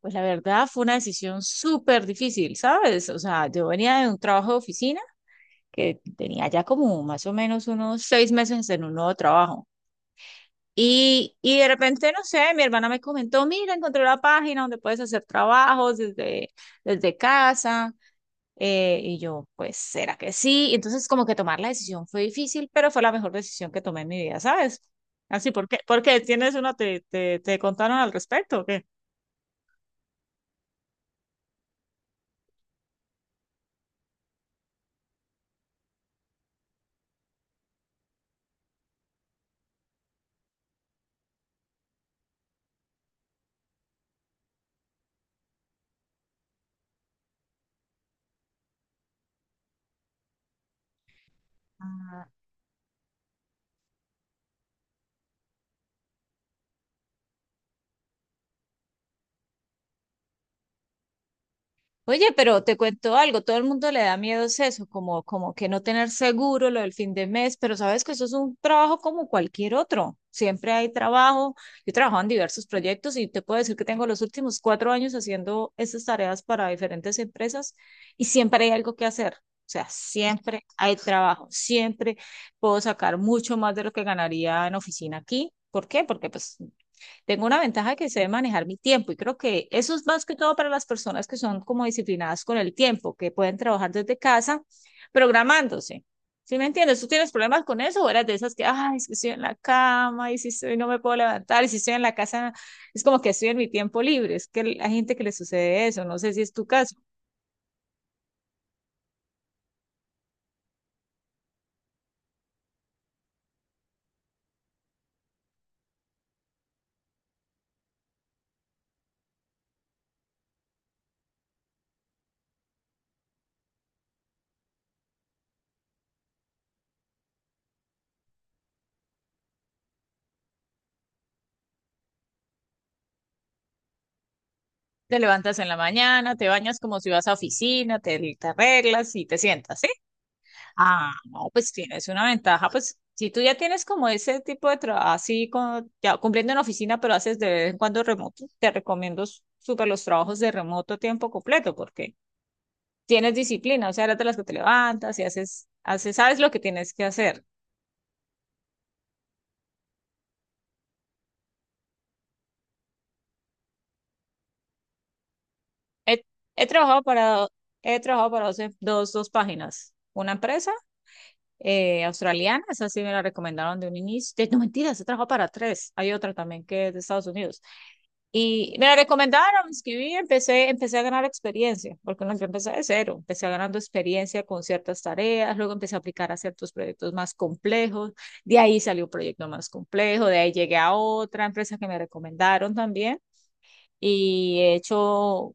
Pues la verdad fue una decisión súper difícil, ¿sabes? O sea, yo venía de un trabajo de oficina que tenía ya como más o menos unos 6 meses en un nuevo trabajo. Y de repente, no sé, mi hermana me comentó, mira, encontré la página donde puedes hacer trabajos desde casa. Y yo, pues, ¿será que sí? Y entonces como que tomar la decisión fue difícil, pero fue la mejor decisión que tomé en mi vida, ¿sabes? Así, ¿por qué? ¿Por qué? ¿Tienes una, te contaron al respecto o qué? Ah, oye, pero te cuento algo, todo el mundo le da miedo es eso, como que no tener seguro lo del fin de mes, pero sabes que eso es un trabajo como cualquier otro. Siempre hay trabajo. Yo he trabajado en diversos proyectos y te puedo decir que tengo los últimos 4 años haciendo estas tareas para diferentes empresas y siempre hay algo que hacer. O sea, siempre hay trabajo, siempre puedo sacar mucho más de lo que ganaría en oficina aquí. ¿Por qué? Porque pues tengo una ventaja que sé manejar mi tiempo y creo que eso es más que todo para las personas que son como disciplinadas con el tiempo, que pueden trabajar desde casa programándose. ¿Sí me entiendes? ¿Tú tienes problemas con eso o eras de esas que, ay, es que estoy en la cama y si estoy no me puedo levantar y si estoy en la casa es como que estoy en mi tiempo libre? Es que hay gente que le sucede eso, no sé si es tu caso. Te levantas en la mañana, te bañas como si vas a oficina, te arreglas y te sientas, ¿sí? Ah, no, pues tienes una ventaja, pues si tú ya tienes como ese tipo de trabajo, así como ya cumpliendo en oficina, pero haces de vez en cuando remoto, te recomiendo súper los trabajos de remoto a tiempo completo, porque tienes disciplina, o sea, eres de las que te levantas y haces, sabes lo que tienes que hacer. He, he trabajado para, he trabajado para dos páginas, una empresa australiana, esa sí me la recomendaron de un inicio, no mentiras, he trabajado para tres, hay otra también que es de Estados Unidos. Y me la recomendaron, me inscribí empecé a ganar experiencia, porque no, yo empecé de cero, empecé ganando experiencia con ciertas tareas, luego empecé a aplicar a ciertos proyectos más complejos, de ahí salió un proyecto más complejo, de ahí llegué a otra empresa que me recomendaron también y he hecho,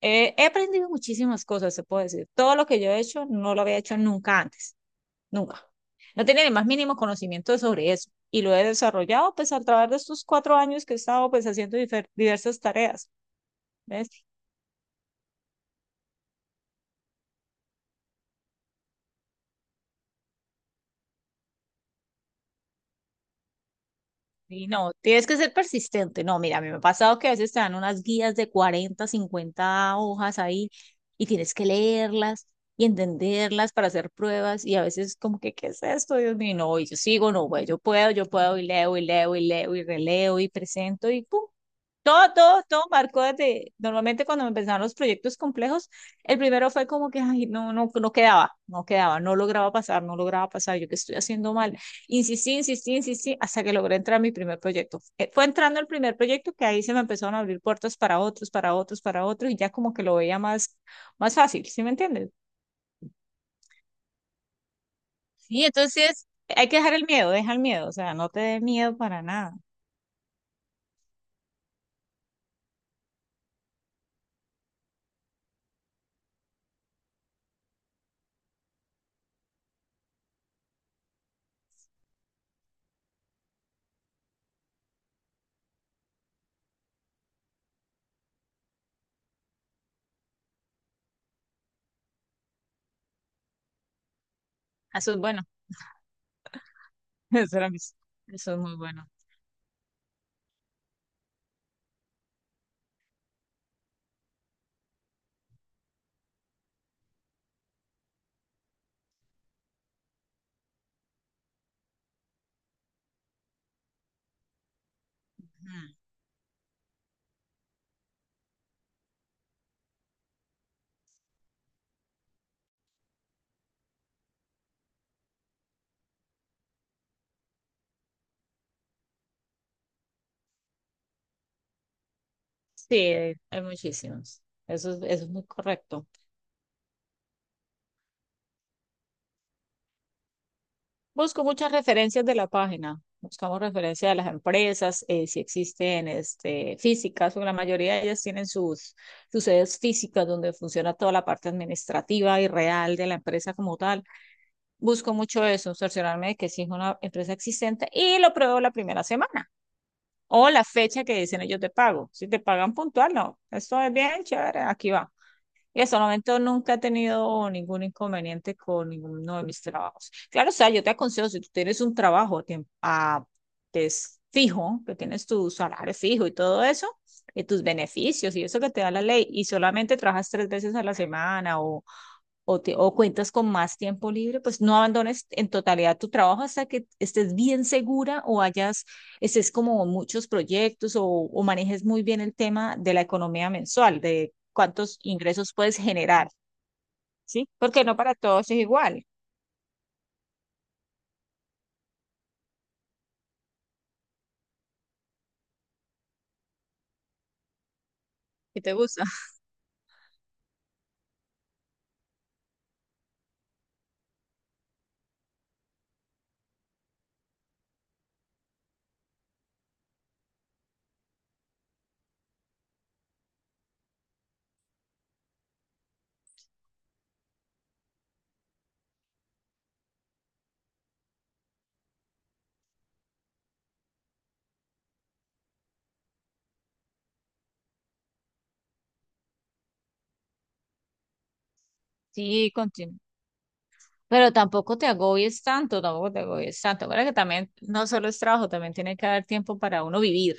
he aprendido muchísimas cosas, se puede decir. Todo lo que yo he hecho no lo había hecho nunca antes, nunca. No tenía ni más mínimo conocimiento sobre eso y lo he desarrollado pues a través de estos 4 años que he estado pues haciendo diversas tareas. ¿Ves? Y no, tienes que ser persistente. No, mira, a mí me ha pasado que a veces te dan unas guías de 40 50 hojas ahí y tienes que leerlas y entenderlas para hacer pruebas y a veces como que, ¿qué es esto? Dios mío, y no, y yo sigo, no, güey, yo puedo y leo y leo y leo y releo y presento y pum, todo, todo, todo marcó desde, normalmente cuando me empezaron los proyectos complejos, el primero fue como que, ay, no, no, no quedaba, no quedaba, no lograba pasar, no lograba pasar, yo qué estoy haciendo mal. Insistí, insistí, insistí, hasta que logré entrar a mi primer proyecto. Fue entrando el primer proyecto que ahí se me empezaron a abrir puertas para otros, para otros, para otros, y ya como que lo veía más, más fácil, ¿sí me entiendes? Y entonces hay que dejar el miedo, deja el miedo, o sea, no te dé miedo para nada. Eso es bueno, eso era mis- eso es muy bueno. Sí, hay muchísimos. Eso es muy correcto. Busco muchas referencias de la página. Buscamos referencias de las empresas, si existen este, físicas, porque la mayoría de ellas tienen sus, sus sedes físicas donde funciona toda la parte administrativa y real de la empresa como tal. Busco mucho eso, cerciorarme de que sí es una empresa existente y lo pruebo la primera semana o la fecha que dicen ellos de pago. Si te pagan puntual, no. Esto es bien chévere, aquí va. Y hasta el momento nunca he tenido ningún inconveniente con ninguno de mis trabajos. Claro, o sea, yo te aconsejo, si tú tienes un trabajo que es fijo, que tienes tu salario fijo y todo eso, y tus beneficios y eso que te da la ley, y solamente trabajas tres veces a la semana o o cuentas con más tiempo libre, pues no abandones en totalidad tu trabajo hasta que estés bien segura o hayas, estés como muchos proyectos o manejes muy bien el tema de la economía mensual, de cuántos ingresos puedes generar, ¿sí? Porque no para todos es igual. ¿Qué te gusta? Sí, continúa. Pero tampoco te agobies tanto, tampoco te agobies tanto. Ahora que también no solo es trabajo, también tiene que haber tiempo para uno vivir.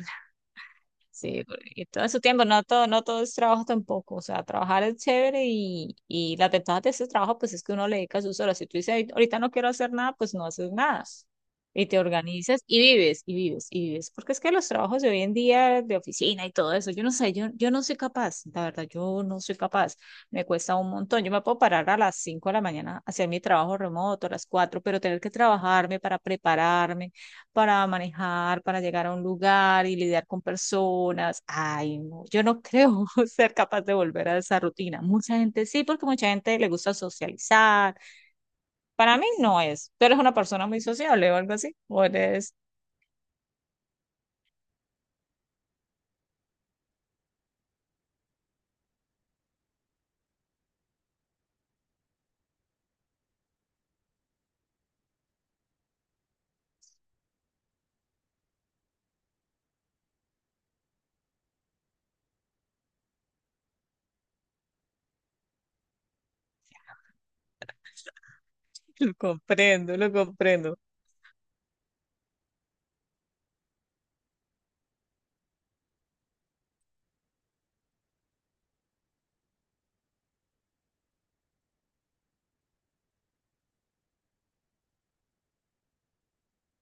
Sí, y todo en su tiempo, no todo, no todo es trabajo tampoco. O sea, trabajar es chévere y la ventajas de ese trabajo, pues es que uno le dedica sus horas. Si tú dices, "Ay, ahorita no quiero hacer nada", pues no haces nada. Y te organizas y vives, y vives, y vives. Porque es que los trabajos de hoy en día, de oficina y todo eso, yo no sé, yo no soy capaz, la verdad, yo no soy capaz. Me cuesta un montón. Yo me puedo parar a las 5 de la mañana, hacer mi trabajo remoto, a las 4 pero tener que trabajarme para prepararme para manejar, para llegar a un lugar y lidiar con personas. Ay, no, yo no creo ser capaz de volver a esa rutina. Mucha gente sí, porque mucha gente le gusta socializar. Para mí no es. Tú eres una persona muy sociable o algo así. O eres... Lo comprendo, lo comprendo.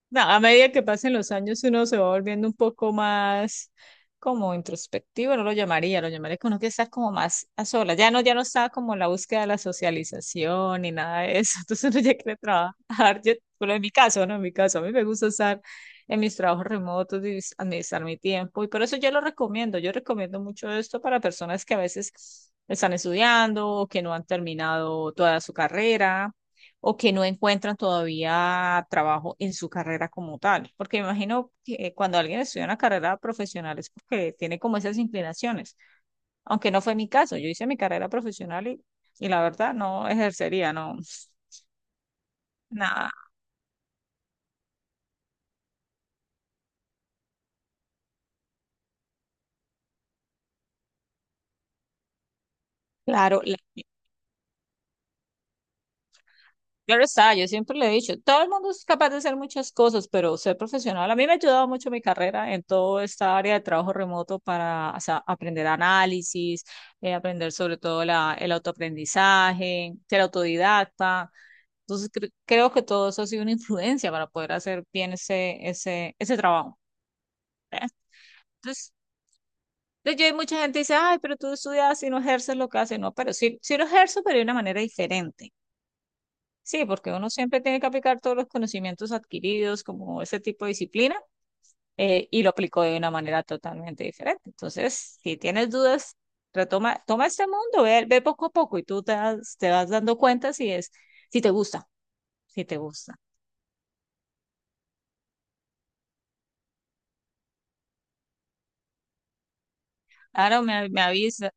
No, a medida que pasen los años uno se va volviendo un poco más como introspectivo, no lo llamaría, lo llamaría que uno que está como más a solas. Ya no, ya no está como en la búsqueda de la socialización ni nada de eso. Entonces uno ya quiere trabajar. Yo, bueno, en mi caso, ¿no? En mi caso, a mí me gusta estar en mis trabajos remotos y administrar mi tiempo. Y por eso yo lo recomiendo. Yo recomiendo mucho esto para personas que a veces están estudiando o que no han terminado toda su carrera o que no encuentran todavía trabajo en su carrera como tal. Porque me imagino que cuando alguien estudia una carrera profesional es porque tiene como esas inclinaciones, aunque no fue mi caso, yo hice mi carrera profesional y la verdad no ejercería, no, nada, claro, la- claro está, yo siempre le he dicho, todo el mundo es capaz de hacer muchas cosas, pero ser profesional, a mí me ha ayudado mucho mi carrera en toda esta área de trabajo remoto para o sea, aprender análisis, aprender sobre todo la, el autoaprendizaje, ser autodidacta. Entonces creo que todo eso ha sido una influencia para poder hacer bien ese, ese, ese trabajo. Entonces, Hay mucha gente que dice, ay, pero tú estudias y no ejerces lo que haces. No, pero sí, sí lo ejerzo, pero de una manera diferente. Sí, porque uno siempre tiene que aplicar todos los conocimientos adquiridos como ese tipo de disciplina y lo aplicó de una manera totalmente diferente. Entonces, si tienes dudas, retoma, toma este mundo, ve, ve poco a poco y te vas dando cuenta si es, si te gusta, si te gusta. Claro,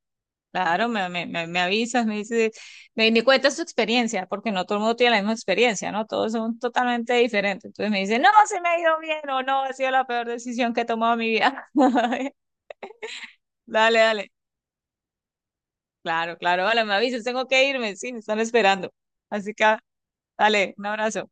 claro, me avisas, me dices, me cuentas tu experiencia, porque no todo el mundo tiene la misma experiencia, ¿no? Todos son totalmente diferentes. Entonces me dice, no, se me ha ido bien o no, ha sido la peor decisión que he tomado en mi vida. Dale, dale. Claro, claro. Hola, me avisas, tengo que irme. Sí, me están esperando. Así que, ah, dale, un abrazo.